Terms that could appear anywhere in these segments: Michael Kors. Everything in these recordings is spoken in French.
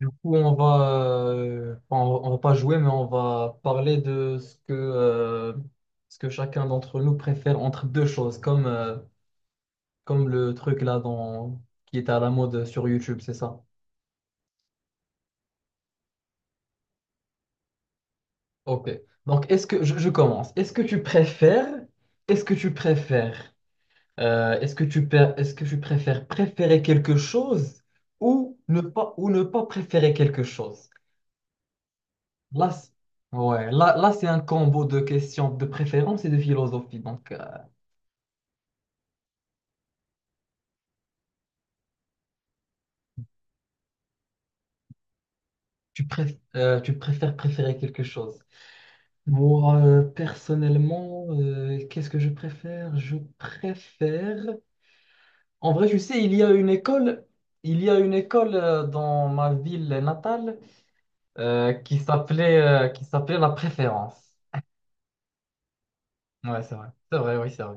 Du coup, on va, enfin, on va pas jouer, mais on va parler de ce que chacun d'entre nous préfère entre deux choses, comme, comme le truc là dans, qui est à la mode sur YouTube, c'est ça? Ok. Donc, est-ce que je commence. Est-ce que tu préfères, est-ce que tu préfères, est-ce que tu per- Est-ce que tu préfères préférer quelque chose ou ne pas préférer quelque chose? Là, c- ouais, là c'est un combo de questions de préférence et de philosophie. Donc, tu préfères préférer quelque chose. Moi, personnellement, qu'est-ce que je préfère? Je préfère. En vrai, tu sais, il y a une école, il y a une école dans ma ville natale qui s'appelait La Préférence. Ouais, c'est vrai. C'est vrai, oui, c'est vrai.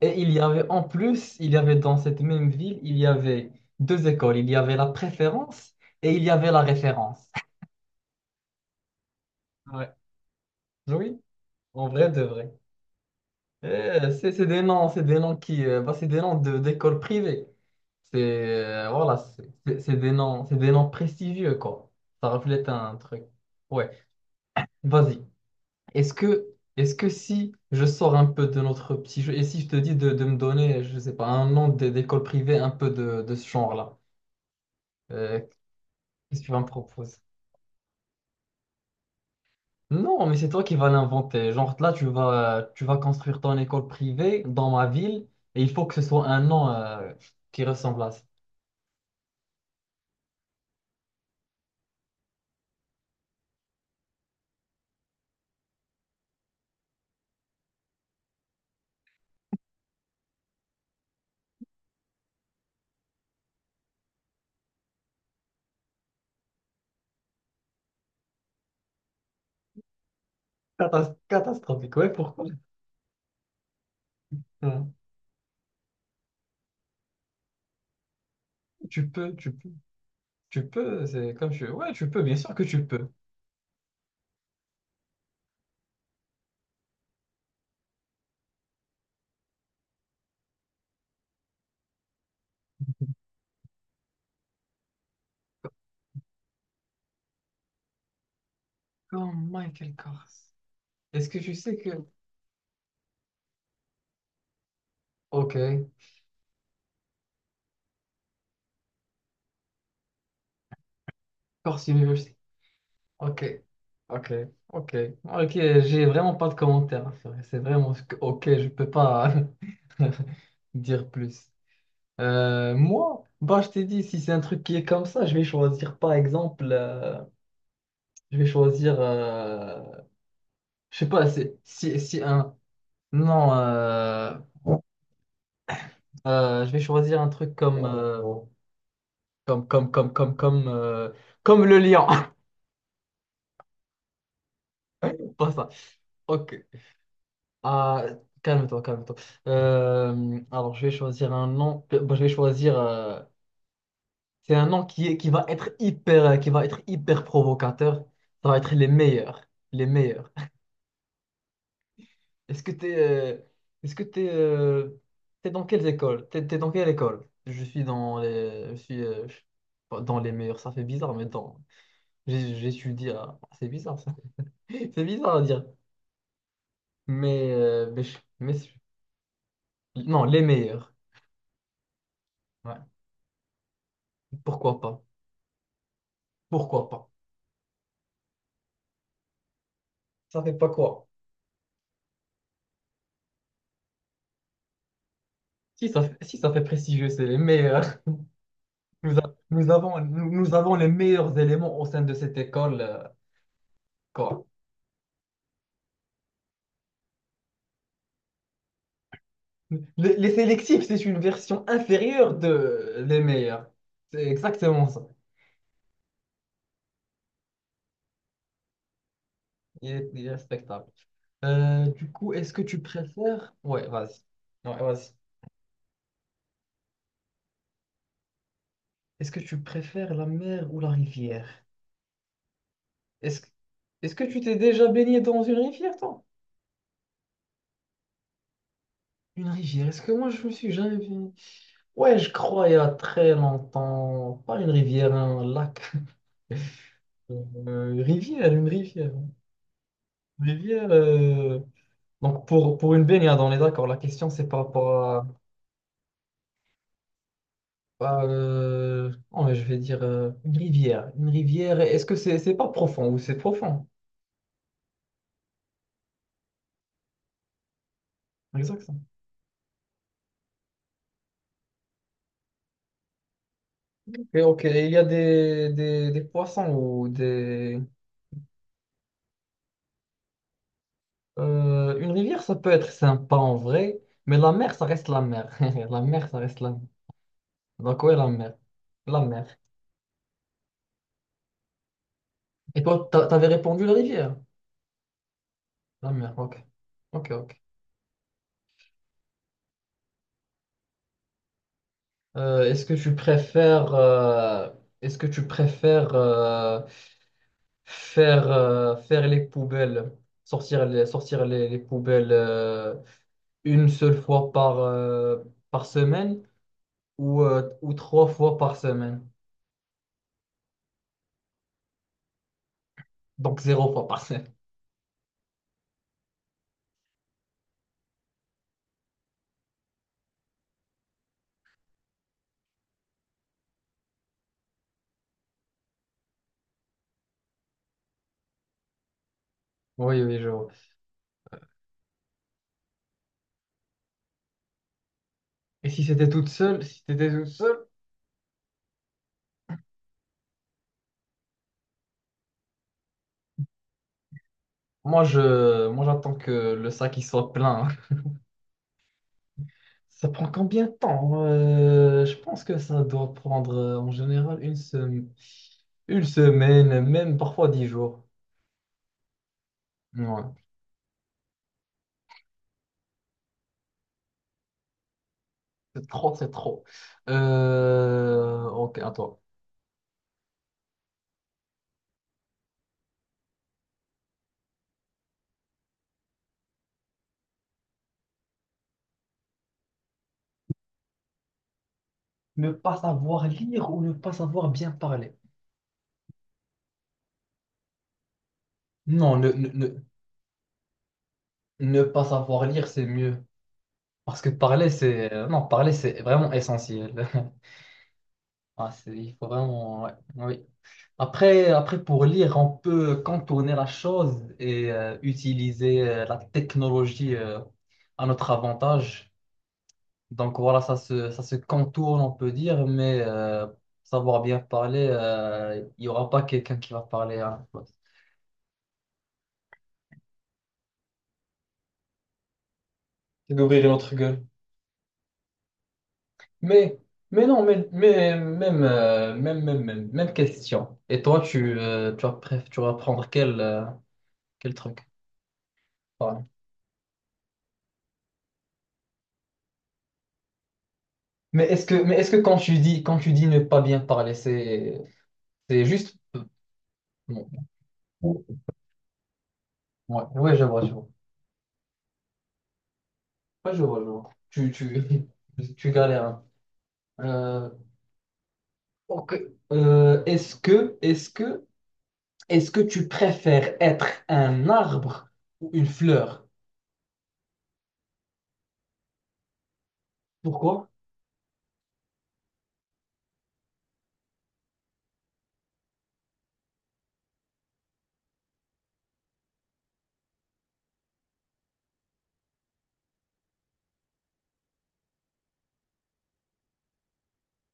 Et il y avait en plus, il y avait dans cette même ville, il y avait deux écoles. Il y avait la préférence et il y avait la référence. Ouais. Oui, en vrai de vrai. C'est des noms, c'est des noms qui, bah, c'est des noms de d'écoles privées. C'est voilà, c'est des noms prestigieux quoi. Ça reflète un truc. Ouais. Vas-y. Est-ce que est-ce que si je sors un peu de notre petit jeu et si je te dis de me donner, je sais pas, un nom d'école privée un peu de ce genre-là. Euh, Qu'est-ce que tu vas me proposer? Non, mais c'est toi qui vas l'inventer. Genre là, tu vas construire ton école privée dans ma ville et il faut que ce soit un nom qui ressemble à ça. Catastrophique. Ouais, pourquoi? Hein. Tu peux, tu peux, tu peux. C'est comme tu. Ouais, tu peux. Bien sûr que tu peux. Comme Michael Kors. Est-ce que tu sais que. Ok. Kors University. Ok. Ok. Ok. Ok. J'ai vraiment pas de commentaires à faire. C'est vraiment. Ok. Je peux pas dire plus. Moi, bah, je t'ai dit, si c'est un truc qui est comme ça, je vais choisir par exemple, je vais choisir, je sais pas, si, si un, non, je vais choisir un truc comme, comme, comme, comme, comme, comme, euh, comme le lion, pas ça. Ok, ah, calme-toi, calme-toi. Alors, je vais choisir un nom, bah, je vais choisir, c'est un nom qui est, qui va être hyper, qui va être hyper provocateur, ça va être les meilleurs, les meilleurs. Est-ce que t'es, euh, est-ce que t'es, t'es dans quelles écoles? T'es dans quelle école? Je suis dans les, je suis, pas dans les meilleurs. Ça fait bizarre, mais dans, j'étudie à, c'est bizarre ça, c'est bizarre à dire. Mais, mais je- non, les meilleurs. Ouais. Pourquoi pas? Pourquoi pas? Ça fait pas quoi? Si ça fait, si ça fait prestigieux, c'est les meilleurs. Nous, nous avons, nous, nous avons les meilleurs éléments au sein de cette école, quoi. Les sélectifs, c'est une version inférieure de les meilleurs. C'est exactement ça. Il est respectable. Du coup, est-ce que tu préfères. Ouais, vas-y. Ouais, vas-y. Est-ce que tu préfères la mer ou la rivière? Est-ce, que- est-ce que tu t'es déjà baigné dans une rivière, toi? Une rivière, est-ce que moi, je me suis jamais baigné? Ouais, je crois, il y a très longtemps. Pas une rivière, un lac. Une rivière. Rivière... euh, Donc pour une baignade, on est d'accord. La question, c'est par rapport oh, mais je vais dire une rivière. Une rivière, est-ce que c'est pas profond ou c'est profond? Exact. Ok, ok. Il y a des poissons ou des. Une rivière, ça peut être sympa en vrai, mais la mer, ça reste la mer. La mer, ça reste la mer. Donc ouais, la mer. La mer. Et toi, t'avais répondu la rivière? La mer, ok. Ok, ok. Euh, est-ce que tu préfères... euh, Est-ce que tu préfères. Faire les poubelles, les poubelles une seule fois par, par semaine ou trois fois par semaine. Donc zéro fois par semaine. Oui, oui, je vois. Et si c'était toute seule, si t'étais toute seule, moi j'attends que le sac il soit plein. Ça prend combien de temps? Je pense que ça doit prendre en général une semaine, même parfois dix jours. Ouais. C'est trop, c'est trop. Ok, attends. Ne pas savoir lire ou ne pas savoir bien parler? Non, ne, ne, ne, ne pas savoir lire, c'est mieux. Parce que parler, c'est. Non, parler, c'est vraiment essentiel. Ah, c'est, il faut vraiment. Ouais, oui. Après, après, pour lire, on peut contourner la chose et utiliser la technologie à notre avantage. Donc voilà, ça se contourne, on peut dire, mais savoir bien parler, il n'y aura pas quelqu'un qui va parler à la place. C'est d'ouvrir notre gueule. Mais, mais non, mais même, même question. Et toi, tu vas, tu vas prendre quel, quel truc? Pardon. Mais est-ce que quand quand tu dis ne pas bien parler, c'est juste. Bon. Ouais, ouais, je vois, je vois. Ouais, je vois, je vois. Tu galères. Hein. Euh, ok. Euh, est-ce que, est-ce que, est-ce que tu préfères être un arbre ou une fleur? Pourquoi?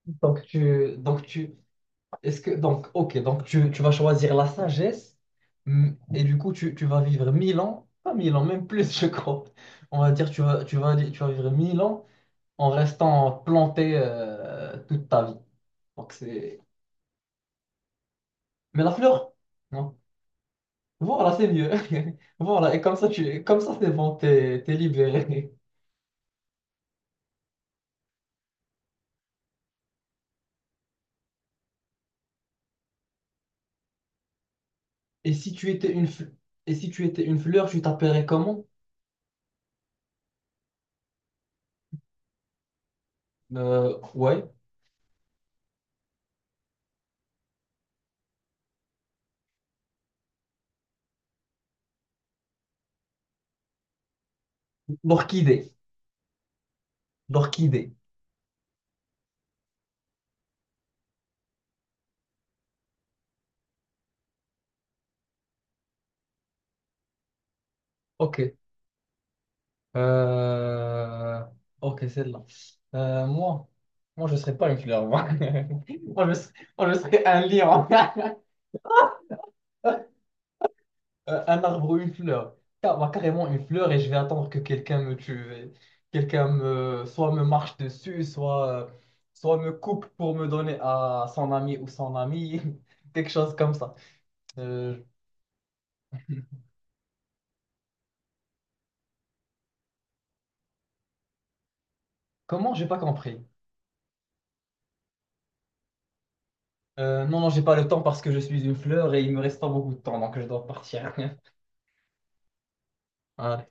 Donc tu, est-ce que, donc, ok, donc tu vas choisir la sagesse mm, et du coup tu, tu vas vivre mille ans, pas mille ans, même plus, je crois. On va dire tu vas vivre mille ans en restant planté toute ta vie. Donc c'est, mais la fleur, non. Voilà, c'est mieux. Voilà, et comme ça tu, comme ça c'est bon, t'es, t'es libéré. Et si tu étais une, fl- et si tu étais une fleur, tu t'appellerais comment? Euh, ouais, l'orchidée. L'orchidée. Ok. Euh, ok, celle-là. Euh, moi, moi, je serais pas une fleur. Moi, moi, moi, je serais un lion. Un arbre ou une fleur. Moi, carrément une fleur et je vais attendre que quelqu'un me tue. Et quelqu'un me, soit me marche dessus, soit, soit me coupe pour me donner à son ami ou son amie. Quelque chose comme ça. Euh, Comment? J'ai pas compris. Non, non, j'ai pas le temps parce que je suis une fleur et il me reste pas beaucoup de temps, donc je dois partir. Ah,